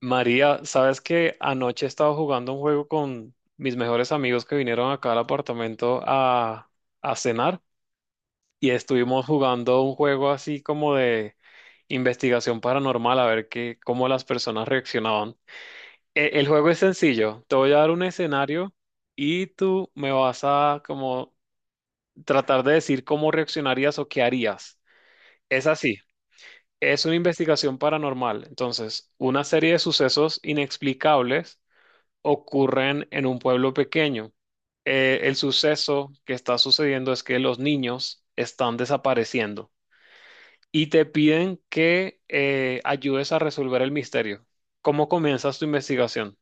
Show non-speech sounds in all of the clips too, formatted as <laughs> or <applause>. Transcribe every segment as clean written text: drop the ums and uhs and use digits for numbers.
María, sabes que anoche estaba jugando un juego con mis mejores amigos que vinieron acá al apartamento a cenar y estuvimos jugando un juego así como de investigación paranormal a ver qué, cómo las personas reaccionaban. El juego es sencillo, te voy a dar un escenario y tú me vas a como tratar de decir cómo reaccionarías o qué harías. Es así, es una investigación paranormal, entonces una serie de sucesos inexplicables ocurren en un pueblo pequeño. El suceso que está sucediendo es que los niños están desapareciendo y te piden que ayudes a resolver el misterio. ¿Cómo comienzas tu investigación?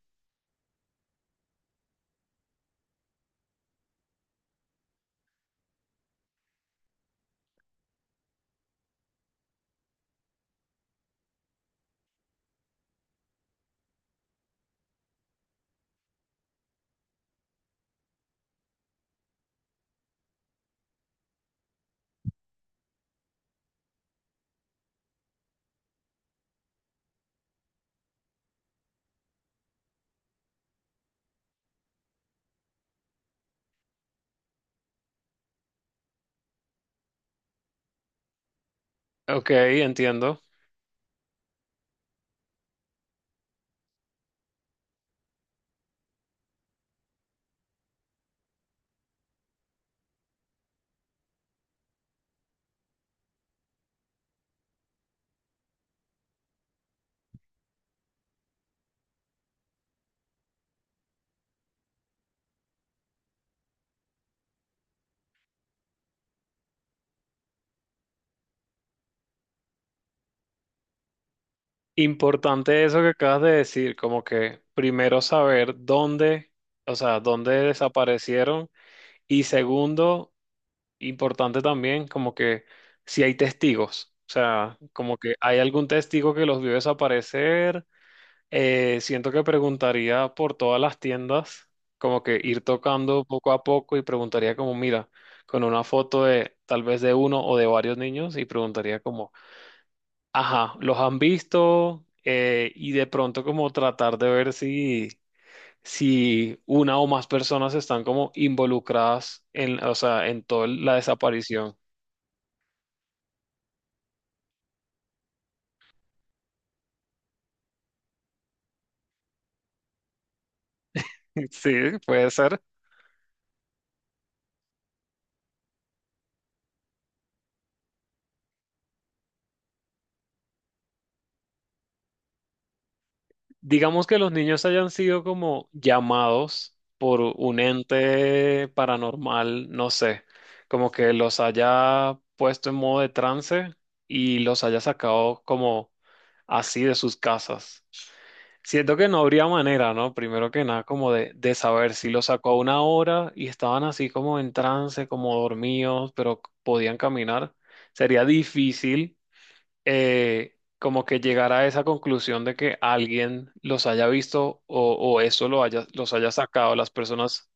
Ok, entiendo. Importante eso que acabas de decir, como que primero saber dónde, o sea, dónde desaparecieron, y segundo, importante también como que si hay testigos, o sea, como que hay algún testigo que los vio desaparecer. Siento que preguntaría por todas las tiendas, como que ir tocando poco a poco y preguntaría como, mira, con una foto de tal vez de uno o de varios niños, y preguntaría como, ajá, ¿los han visto? Y de pronto como tratar de ver si... si una o más personas están como involucradas en, o sea, en toda la desaparición. <laughs> Sí, puede ser. Digamos que los niños hayan sido como llamados por un ente paranormal, no sé, como que los haya puesto en modo de trance y los haya sacado como así de sus casas. Siento que no habría manera, ¿no? Primero que nada, como de saber si los sacó a una hora y estaban así como en trance, como dormidos, pero podían caminar. Sería difícil como que llegar a esa conclusión de que alguien los haya visto o eso lo haya, los haya sacado las personas,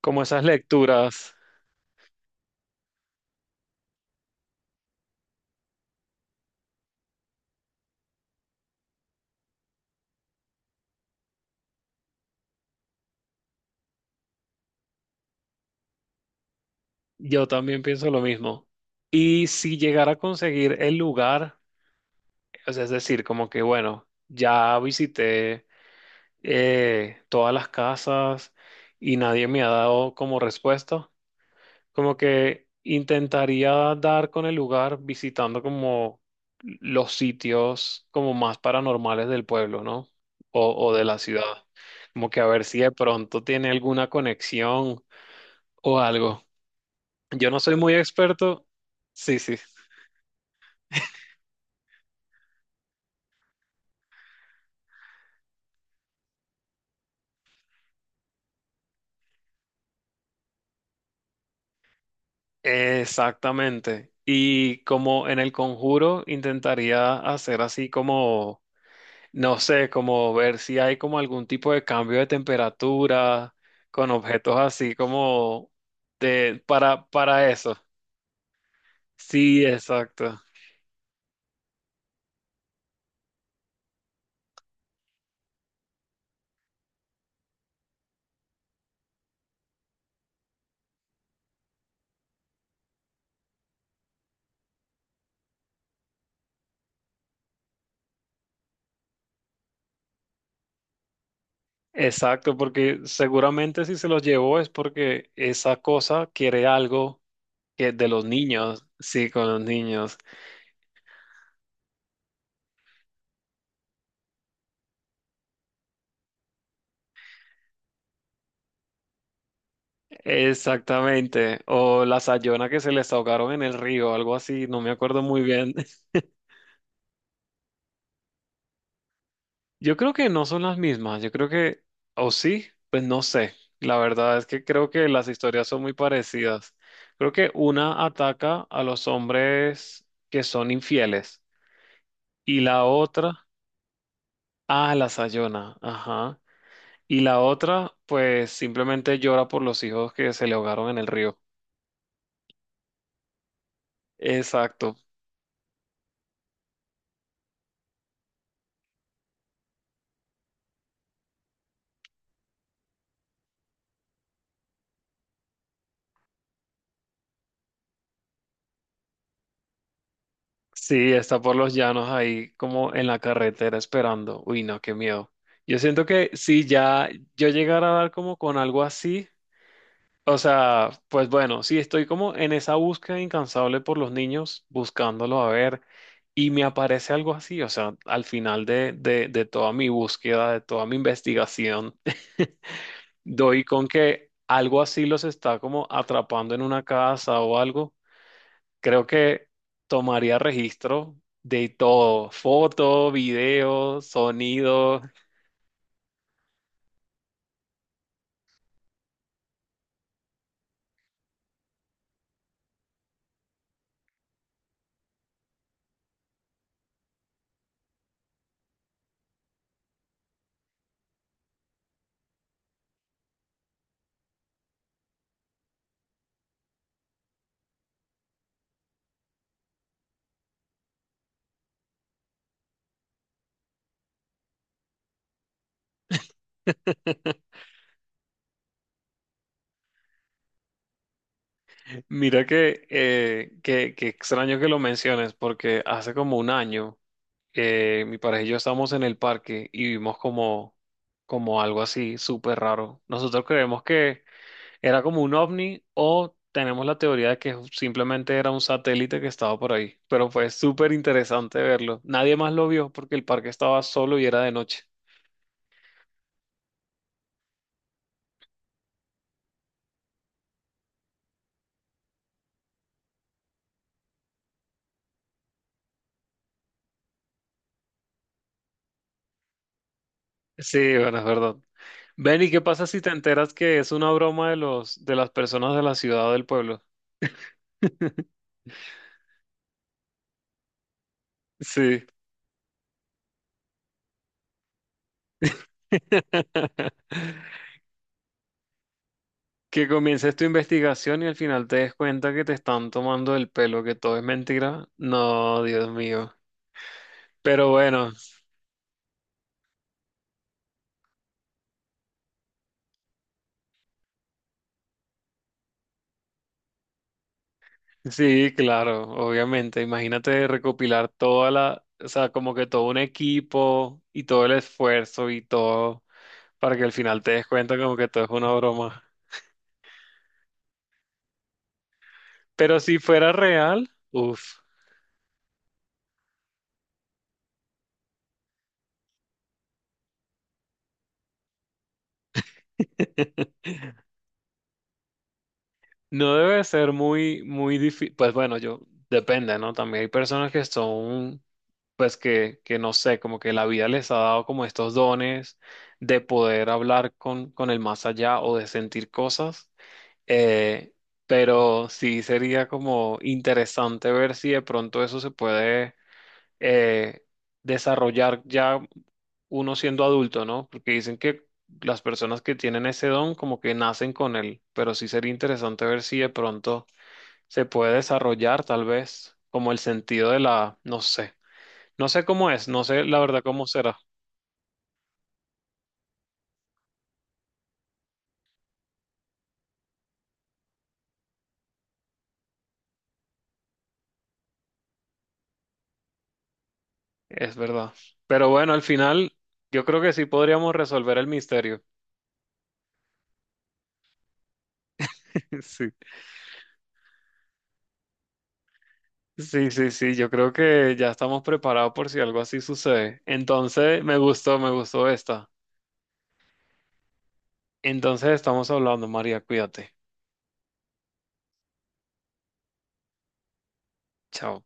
como esas lecturas. Yo también pienso lo mismo. Y si llegara a conseguir el lugar, o sea, es decir, como que bueno, ya visité todas las casas y nadie me ha dado como respuesta. Como que intentaría dar con el lugar visitando como los sitios como más paranormales del pueblo, ¿no? O de la ciudad. Como que a ver si de pronto tiene alguna conexión o algo. Yo no soy muy experto. Sí, sí. Exactamente. Y como en el conjuro intentaría hacer así como, no sé, como ver si hay como algún tipo de cambio de temperatura con objetos así como de para eso. Sí, exacto. Exacto, porque seguramente si se los llevó es porque esa cosa quiere algo que de los niños, sí, con los niños. Exactamente. O la sayona que se les ahogaron en el río, algo así, no me acuerdo muy bien. Yo creo que no son las mismas, yo creo que, o sí, pues no sé. La verdad es que creo que las historias son muy parecidas. Creo que una ataca a los hombres que son infieles, y la otra a la Sayona, ajá. Y la otra, pues simplemente llora por los hijos que se le ahogaron en el río. Exacto. Sí, está por los llanos ahí como en la carretera esperando. Uy, no, qué miedo. Yo siento que si ya yo llegara a dar como con algo así. O sea, pues bueno, sí, estoy como en esa búsqueda incansable por los niños, buscándolos a ver, y me aparece algo así, o sea, al final de toda mi búsqueda, de toda mi investigación, <laughs> doy con que algo así los está como atrapando en una casa o algo. Creo que tomaría registro de todo, foto, video, sonido. <laughs> Mira que, que extraño que lo menciones, porque hace como un año. Mi pareja y yo estábamos en el parque y vimos como, como algo así súper raro. Nosotros creemos que era como un ovni, o tenemos la teoría de que simplemente era un satélite que estaba por ahí. Pero fue súper interesante verlo. Nadie más lo vio porque el parque estaba solo y era de noche. Sí, bueno, es verdad. Ven, ¿y qué pasa si te enteras que es una broma de los, de las personas de la ciudad o del pueblo? <laughs> Sí. <laughs> Que comiences tu investigación y al final te des cuenta que te están tomando el pelo, que todo es mentira. No, Dios mío. Pero bueno, sí, claro, obviamente. Imagínate recopilar toda la, o sea, como que todo un equipo y todo el esfuerzo y todo para que al final te des cuenta como que todo es una broma. Pero si fuera real, uff. <laughs> No debe ser muy, muy difícil. Pues bueno, yo depende, ¿no? También hay personas que son, pues que no sé, como que la vida les ha dado como estos dones de poder hablar con el más allá o de sentir cosas. Eh, pero sí sería como interesante ver si de pronto eso se puede eh, desarrollar ya uno siendo adulto, ¿no? Porque dicen que las personas que tienen ese don como que nacen con él, pero sí sería interesante ver si de pronto se puede desarrollar tal vez como el sentido de la, no sé, no sé cómo es, no sé la verdad cómo será, es verdad. Pero bueno, al final yo creo que sí podríamos resolver el misterio. <laughs> Sí, sí, sí, sí, yo creo que ya estamos preparados por si algo así sucede. Entonces, me gustó esta. Entonces, estamos hablando, María, cuídate. Chao.